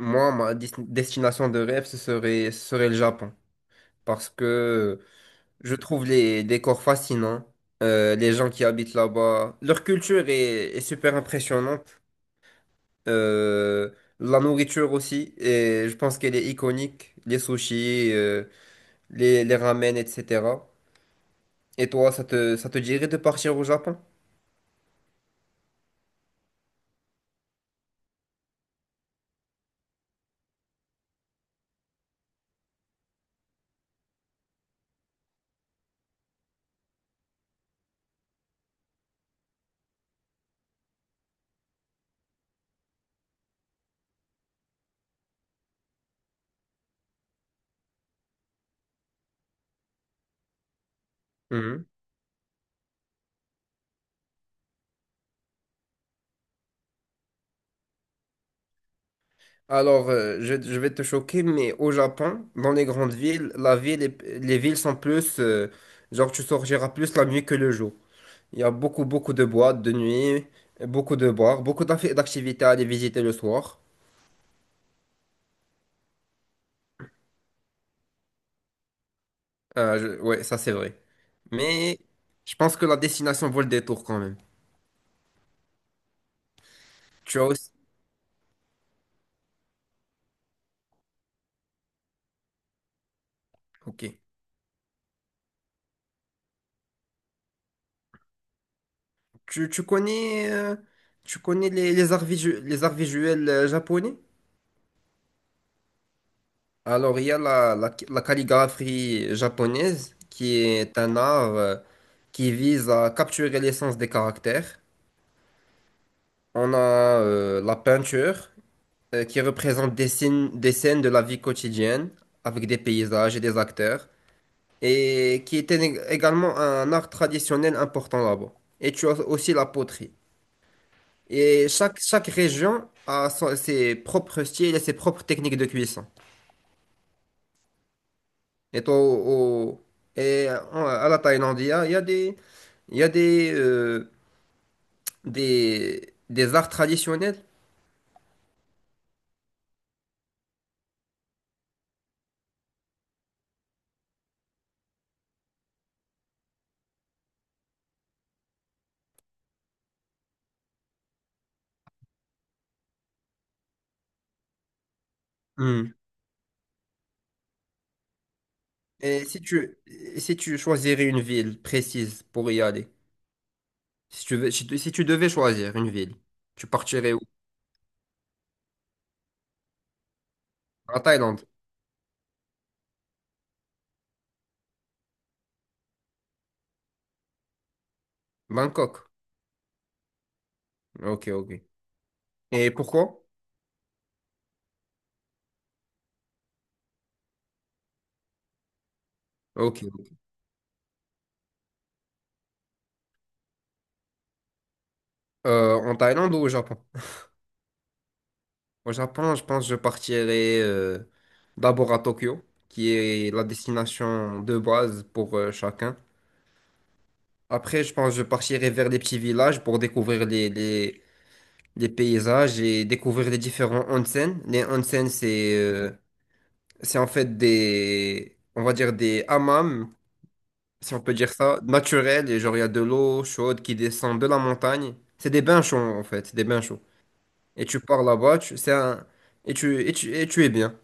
Moi, destination de rêve, ce serait le Japon. Parce que je trouve les décors fascinants, les gens qui habitent là-bas. Leur culture est super impressionnante. euh, la nourriture aussi. Et je pense qu'elle est iconique. Les sushis, les ramen, etc. Et toi, ça te dirait de partir au Japon? Alors, je vais te choquer, mais au Japon, dans les grandes villes, les villes sont plus, genre tu sortiras plus la nuit que le jour. Il y a beaucoup de boîtes de nuit, beaucoup de bars, beaucoup d'activités à aller visiter le soir. Ouais, ça c'est vrai. Mais je pense que la destination vaut le détour quand même. Tu as aussi... Ok. Tu connais, tu connais les, les arts visuels japonais? Alors, il y a la calligraphie japonaise, qui est un art qui vise à capturer l'essence des caractères. On a la peinture, qui représente des scènes de la vie quotidienne, avec des paysages et des acteurs, et qui était également un art traditionnel important là-bas. Et tu as aussi la poterie. Et chaque région a ses propres styles et ses propres techniques de cuisson. Et, au- au- à la Thaïlande, il y a il y a des, des arts traditionnels. Hmm. Et si tu choisirais une ville précise pour y aller, si tu, si tu devais choisir une ville, tu partirais où? En Thaïlande, Bangkok. Ok, ok. Et pourquoi? Ok. En Thaïlande ou au Japon? Au Japon, je pense que je partirais d'abord à Tokyo, qui est la destination de base pour chacun. Après, je pense que je partirai vers les petits villages pour découvrir les paysages et découvrir les différents onsen. Les onsen, c'est en fait des, on va dire des hammams, si on peut dire ça, naturels. Et genre, il y a de l'eau chaude qui descend de la montagne. C'est des bains chauds, en fait. C'est des bains chauds. Et tu pars là-bas, tu, c'est un, et tu es bien.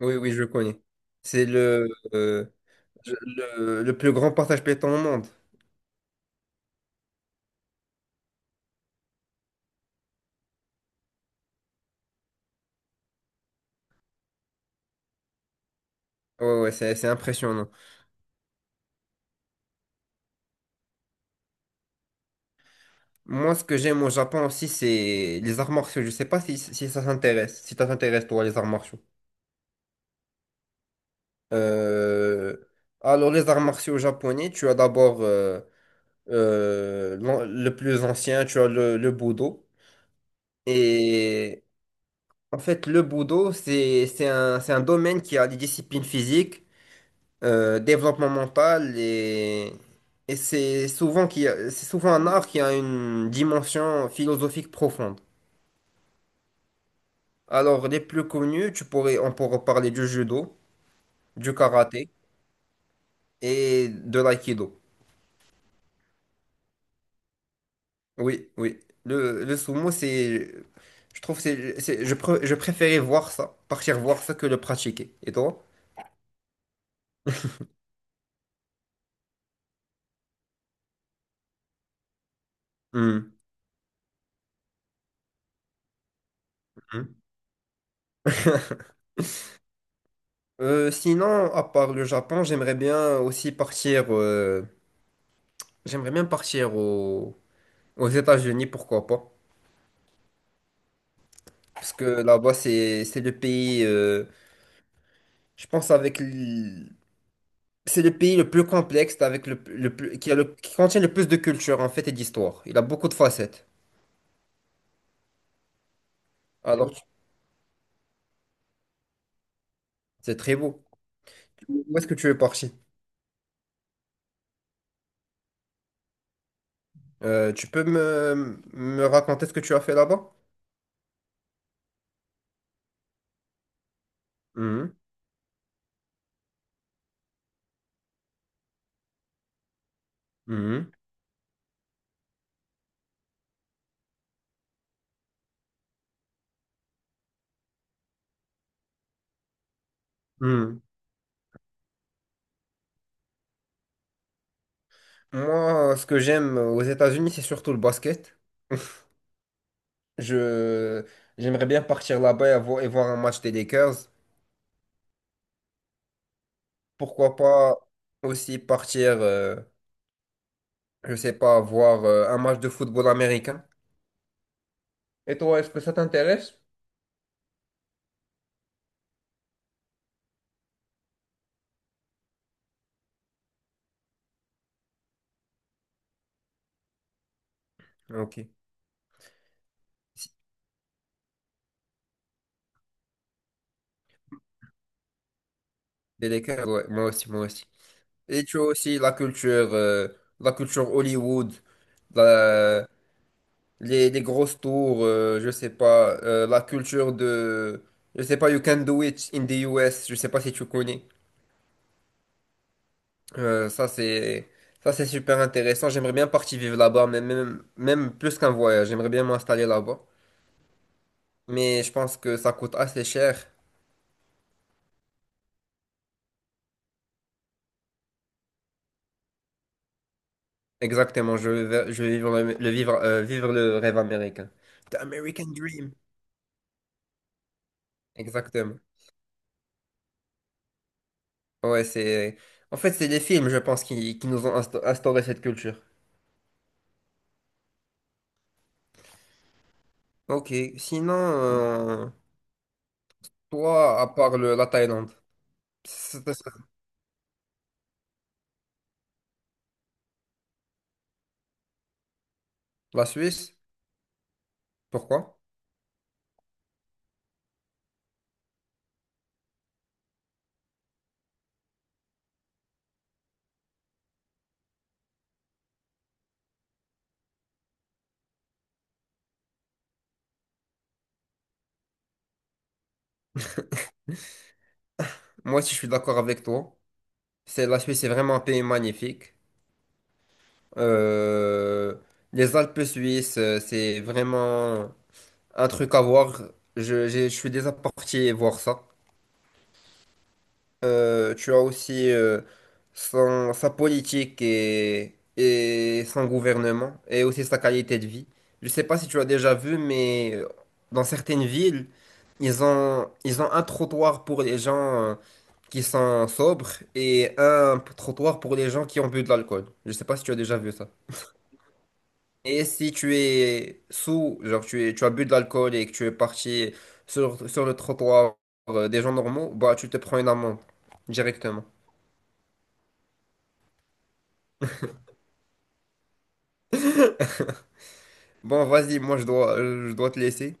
Oui, oui, je connais. C'est le, euh, le plus grand partage pétant au monde. Ouais, ouais, c'est impressionnant. Moi, ce que j'aime au Japon aussi, c'est les arts martiaux. Je sais pas si ça t'intéresse. Si ça t'intéresse, toi, les arts martiaux. Euh, Alors, les arts martiaux japonais, tu as d'abord le plus ancien, tu as le Budo. Et en fait, le Budo, c'est un domaine qui a des disciplines physiques, développement mental, et c'est c'est souvent un art qui a une dimension philosophique profonde. Alors, les plus connus, on pourrait parler du judo, du karaté et de l'aïkido. Oui, oui. Le sumo, c'est, je trouve, que c'est- je, pr- je préférais voir ça, partir voir ça que le pratiquer. Et toi? Hmm. Hmm. Sinon, à part le Japon, j'aimerais bien partir aux États-Unis, pourquoi pas? Parce que là-bas, c'est le pays, je pense, c'est le pays le plus complexe avec le plus, qui a le, qui contient le plus de culture en fait et d'histoire. Il a beaucoup de facettes. Alors, tu- c'est très beau. Où est-ce que tu es parti? Tu peux me raconter ce que tu as fait là-bas? Mhm, mhm, mhm. Moi, ce que j'aime aux États-Unis, c'est surtout le basket. Je, j'aimerais bien partir là-bas et, et voir un match des Lakers. Pourquoi pas aussi partir, je sais pas, voir un match de football américain. Et toi, est-ce que ça t'intéresse? Ok. Si, des Lakers, ouais, moi aussi, moi aussi. Et tu as aussi la culture Hollywood, la- les grosses tours, je sais pas, la culture de, je sais pas, You Can Do It in the US, je sais pas si tu connais. Euh, ça c'est, Ça c'est super intéressant. J'aimerais bien partir vivre là-bas, mais même plus qu'un voyage, j'aimerais bien m'installer là-bas. Mais je pense que ça coûte assez cher. Exactement, je vais vivre le vivre, vivre le rêve américain. The American Dream. Exactement. Ouais, c'est... En fait, c'est des films, je pense, qui nous ont instauré cette culture. Ok, sinon, toi, à part la Thaïlande, c'était ça. La Suisse, pourquoi? Moi aussi, je suis d'accord avec toi. La Suisse est vraiment un pays magnifique. Euh, les Alpes suisses, c'est vraiment un truc à voir. Je suis déjà parti voir ça. Tu as aussi sa politique et son gouvernement et aussi sa qualité de vie. Je ne sais pas si tu as déjà vu, mais dans certaines villes, ils ont un trottoir pour les gens euh, qui sont sobres et trottoir pour les gens qui ont bu de l'alcool. Je ne sais pas si tu as déjà vu ça. Et si tu es sous, tu as bu de l'alcool et que tu es parti sur le trottoir des gens normaux, bah tu te prends une amende directement. Bon, vas-y, moi je dois te laisser.